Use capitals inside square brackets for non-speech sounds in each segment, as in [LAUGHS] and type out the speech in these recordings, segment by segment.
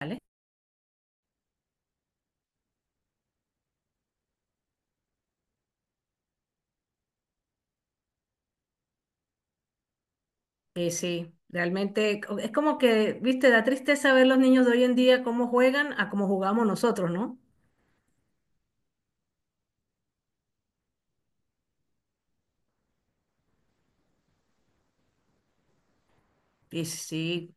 ¿Vale? Y sí, realmente es como que, viste, da tristeza ver los niños de hoy en día cómo juegan a cómo jugamos nosotros, ¿no? Y sí,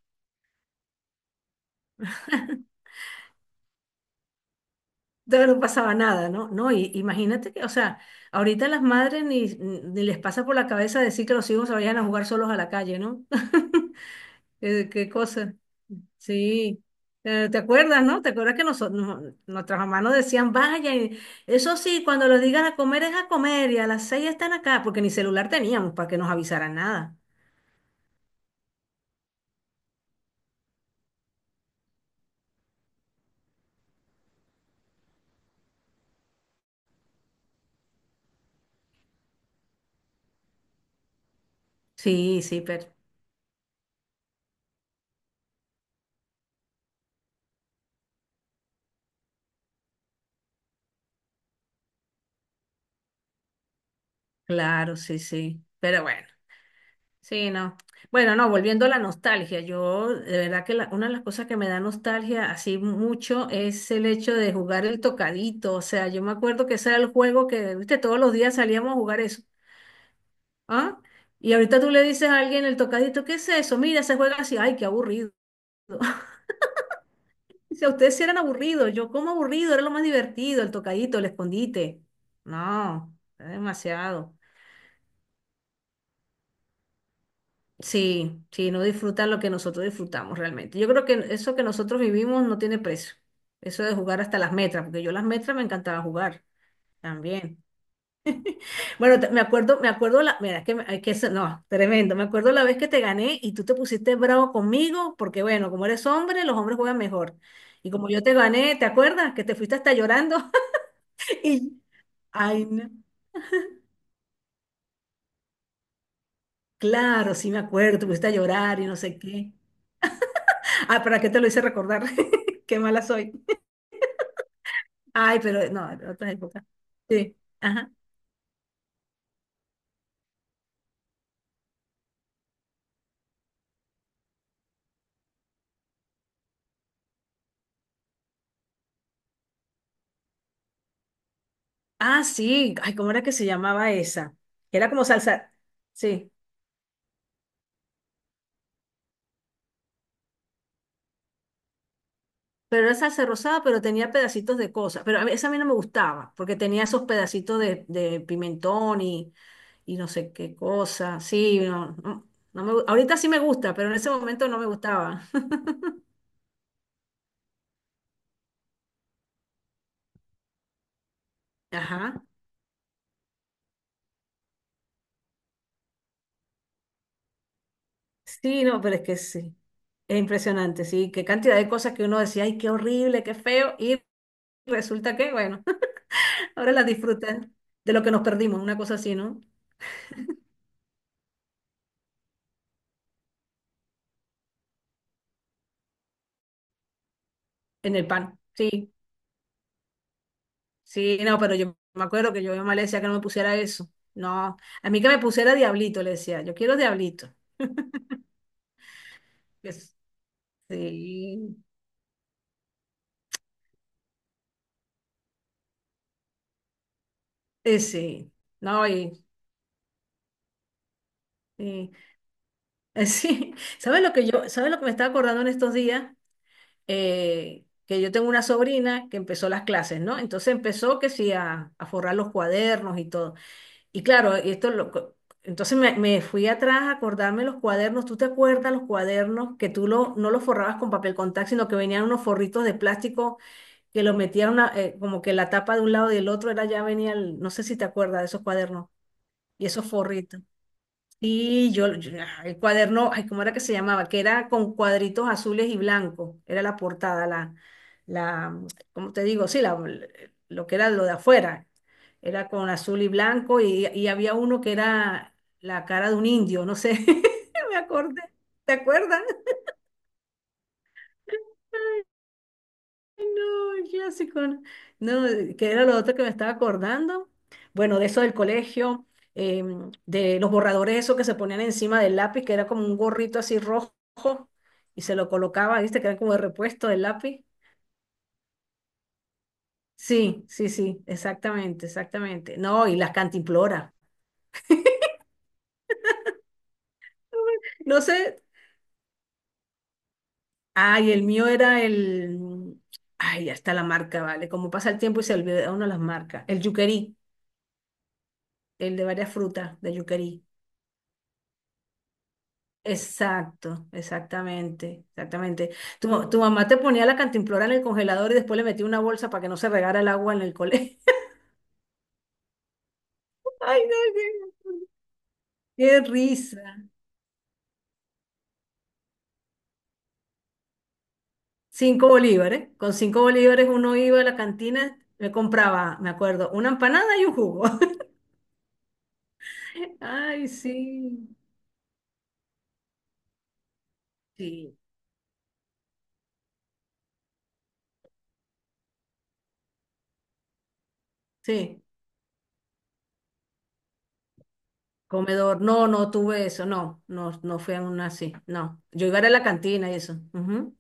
no pasaba nada, ¿no? No, y imagínate que, o sea, ahorita las madres ni les pasa por la cabeza decir que los hijos se vayan a jugar solos a la calle, ¿no? [LAUGHS] ¿Qué cosa? Sí. ¿Te acuerdas? No, ¿te acuerdas que nuestras mamás nos decían, vaya, y eso sí, cuando los digan a comer es a comer y a las 6 están acá, porque ni celular teníamos para que nos avisaran nada? Sí, sí, pero claro, sí, sí. Pero bueno, sí, no. Bueno, no, volviendo a la nostalgia, yo de verdad que una de las cosas que me da nostalgia así mucho es el hecho de jugar el tocadito. O sea, yo me acuerdo que ese era el juego que, viste, todos los días salíamos a jugar eso. ¿Ah? Y ahorita tú le dices a alguien el tocadito, ¿qué es eso? Mira, se juega así, ay, qué aburrido. [LAUGHS] Dice: "A ustedes sí eran aburridos, yo como aburrido, era lo más divertido, el tocadito, el escondite". No, era demasiado. Sí, sí, no disfrutan lo que nosotros disfrutamos realmente. Yo creo que eso que nosotros vivimos no tiene precio. Eso de jugar hasta las metras, porque yo las metras me encantaba jugar también. Bueno, me acuerdo la, mira, es que, es que eso, no, tremendo. Me acuerdo la vez que te gané y tú te pusiste bravo conmigo, porque bueno, como eres hombre, los hombres juegan mejor. Y como yo te gané, ¿te acuerdas? Que te fuiste hasta llorando. [LAUGHS] Y, ay, no. Claro, sí me acuerdo, te pusiste a llorar y no sé qué. Ah, ¿para qué te lo hice recordar? [LAUGHS] Qué mala soy. Ay, pero no, era otra época. Sí, ajá. Ah, sí. Ay, ¿cómo era que se llamaba esa? Era como salsa. Sí, pero era salsa rosada, pero tenía pedacitos de cosas. Pero esa a mí no me gustaba, porque tenía esos pedacitos de pimentón y no sé qué cosa. Sí, no, no, ahorita sí me gusta, pero en ese momento no me gustaba. [LAUGHS] Ajá. Sí, no, pero es que sí. Es impresionante, sí. Qué cantidad de cosas que uno decía, ay, qué horrible, qué feo. Y resulta que, bueno. Ahora las disfrutas de lo que nos perdimos, una cosa así, ¿no? En el pan. Sí, sí, no, pero yo me acuerdo que yo a mi mamá le decía que no me pusiera eso. No, a mí que me pusiera diablito, le decía, yo quiero diablito. Es- Sí, sí, no, y- sí. [LAUGHS] ¿Sabes lo que yo, sabes lo que me estaba acordando en estos días? Que yo tengo una sobrina que empezó las clases, ¿no? Entonces empezó que sí a forrar los cuadernos y todo. Y claro, esto entonces me fui atrás a acordarme los cuadernos. ¿Tú te acuerdas los cuadernos que tú lo, no los forrabas con papel contact, sino que venían unos forritos de plástico que los metían como que la tapa de un lado y del otro era ya venía el? No sé si te acuerdas de esos cuadernos y esos forritos. Y ah, el cuaderno, ay, ¿cómo era que se llamaba? Que era con cuadritos azules y blancos, era la portada, la, ¿cómo te digo? Sí, la, lo que era lo de afuera, era con azul y blanco y había uno que era la cara de un indio, no sé, [LAUGHS] me acordé, ¿te acuerdas? No, el clásico. No, no, que era lo otro que me estaba acordando. Bueno, de eso del colegio, de los borradores, eso que se ponían encima del lápiz, que era como un gorrito así rojo y se lo colocaba, ¿viste? Que era como de repuesto del lápiz. Sí, sí, sí, exactamente, exactamente. No, y las cantimploras. No sé. Ay, el mío era el. Ay, ya está la marca, ¿vale? Como pasa el tiempo y se olvida uno las marcas. El yuquerí, el de varias frutas, de yuquerí. Exacto, exactamente, exactamente. Tu mamá te ponía la cantimplora en el congelador y después le metía una bolsa para que no se regara el agua en el colegio. [LAUGHS] Ay, no, qué risa. 5 bolívares. Con 5 bolívares uno iba a la cantina, me compraba, me acuerdo, una empanada y un jugo. [LAUGHS] Ay, sí, sí, sí. Comedor, no, no tuve eso, no, no, no fui a una así, no. Yo iba a la cantina y eso. Ujú.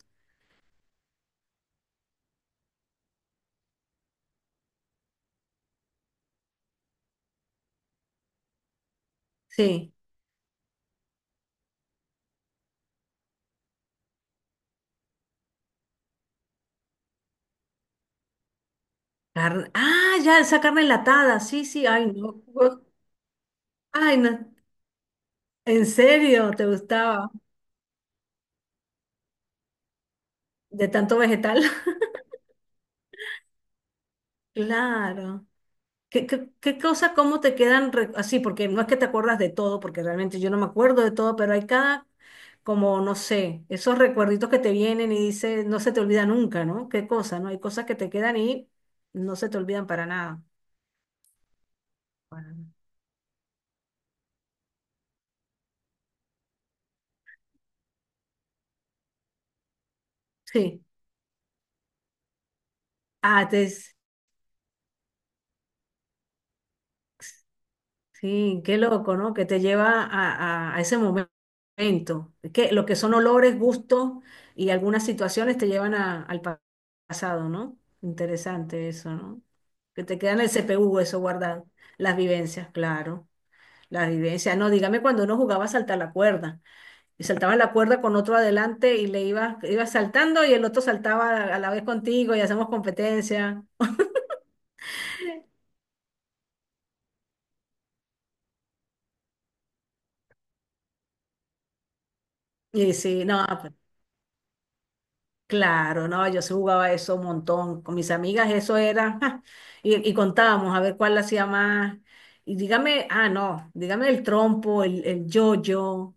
Sí. Ah, ya, esa carne enlatada. Sí, sí, ay, no. Ay, no. ¿En serio te gustaba? De tanto vegetal. [LAUGHS] Claro. ¿Qué cosa, cómo te quedan así? Porque no es que te acuerdas de todo, porque realmente yo no me acuerdo de todo, pero hay cada, como, no sé, esos recuerditos que te vienen y dices, no se te olvida nunca, ¿no? ¿Qué cosa, no? Hay cosas que te quedan y no se te olvidan para nada. Para nada. Sí. Ah, te, sí, qué loco, ¿no? Que te lleva a ese momento. Es que lo que son olores, gustos y algunas situaciones te llevan pasado, ¿no? Interesante eso, ¿no? Que te quedan en el CPU eso guardado. Las vivencias, claro. Las vivencias. No, dígame cuando uno jugaba a saltar la cuerda. Y saltaba la cuerda con otro adelante y le iba saltando y el otro saltaba a la vez contigo y hacemos competencia. Y sí, no, pues, claro, no, yo sí jugaba eso un montón. Con mis amigas eso era, [LAUGHS] y contábamos a ver cuál la hacía más. Y dígame, ah, no, dígame el trompo, el, yo-yo,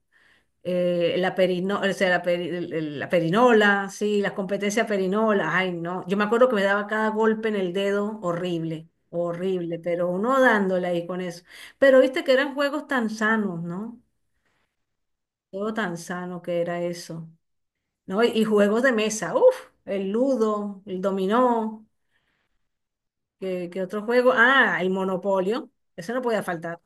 o sea, la perinola, sí, las competencias perinola, ay, no. Yo me acuerdo que me daba cada golpe en el dedo horrible, horrible, pero uno dándole ahí con eso. Pero viste que eran juegos tan sanos, ¿no? Todo tan sano que era eso. ¿No? Y juegos de mesa, uff, el ludo, el dominó, ¿qué otro juego? Ah, el monopolio, eso no podía faltar.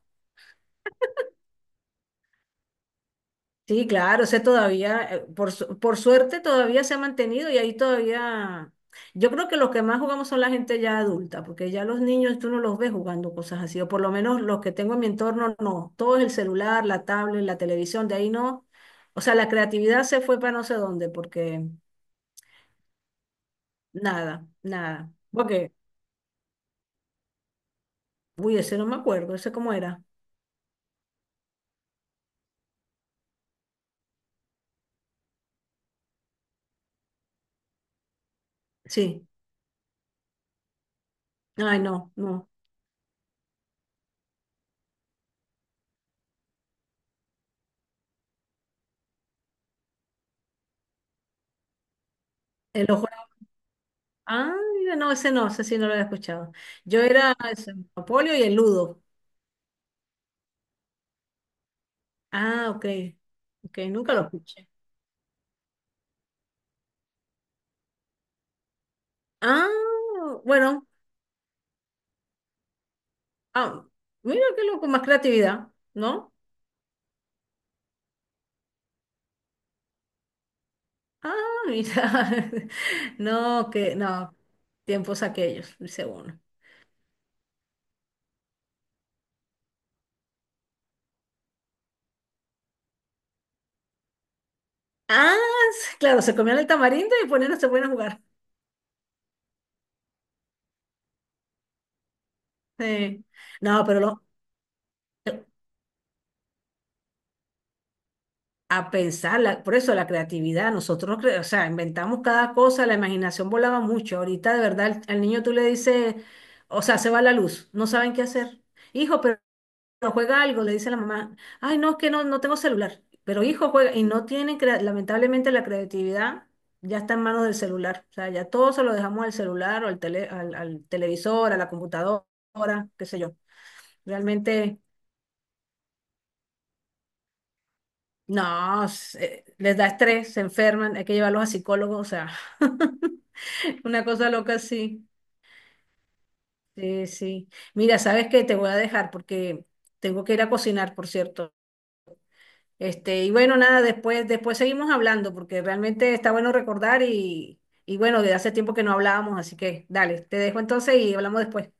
Sí, claro, ese todavía, por suerte todavía se ha mantenido y ahí todavía, yo creo que los que más jugamos son la gente ya adulta, porque ya los niños tú no los ves jugando cosas así, o por lo menos los que tengo en mi entorno no, todo es el celular, la tablet, la televisión, de ahí no, o sea, la creatividad se fue para no sé dónde, porque nada, nada, porque, uy, ese no me acuerdo, ese cómo era. Sí. Ay, no, no. El ojo. Ah, mira, no, ese no, ese sí no lo había escuchado. Yo era ese, el Monopolio y el Ludo. Ah, ok. Ok, nunca lo escuché. Ah, bueno. Ah, mira qué loco, más creatividad, ¿no? Ah, mira. [LAUGHS] No, que, no. Tiempos aquellos, dice uno. Ah, sí, claro, se comían el tamarindo y ponían, se ponían a jugar. Sí. No, pero a pensar, por eso la creatividad, nosotros, o sea, inventamos cada cosa, la imaginación volaba mucho, ahorita de verdad al niño tú le dices, o sea, se va la luz, no saben qué hacer. Hijo, pero juega algo, le dice la mamá, ay, no, es que no, no tengo celular, pero hijo juega, y no tienen, lamentablemente la creatividad ya está en manos del celular, o sea, ya todo se lo dejamos al celular o al televisor, a la computadora, qué sé yo, realmente... No, les da estrés, se enferman, hay que llevarlos a psicólogos, o sea, [LAUGHS] una cosa loca así. Sí, sí. Mira, ¿sabes qué? Te voy a dejar porque tengo que ir a cocinar, por cierto. Este, y bueno, nada, después seguimos hablando porque realmente está bueno recordar y bueno, de hace tiempo que no hablábamos, así que dale, te dejo entonces y hablamos después.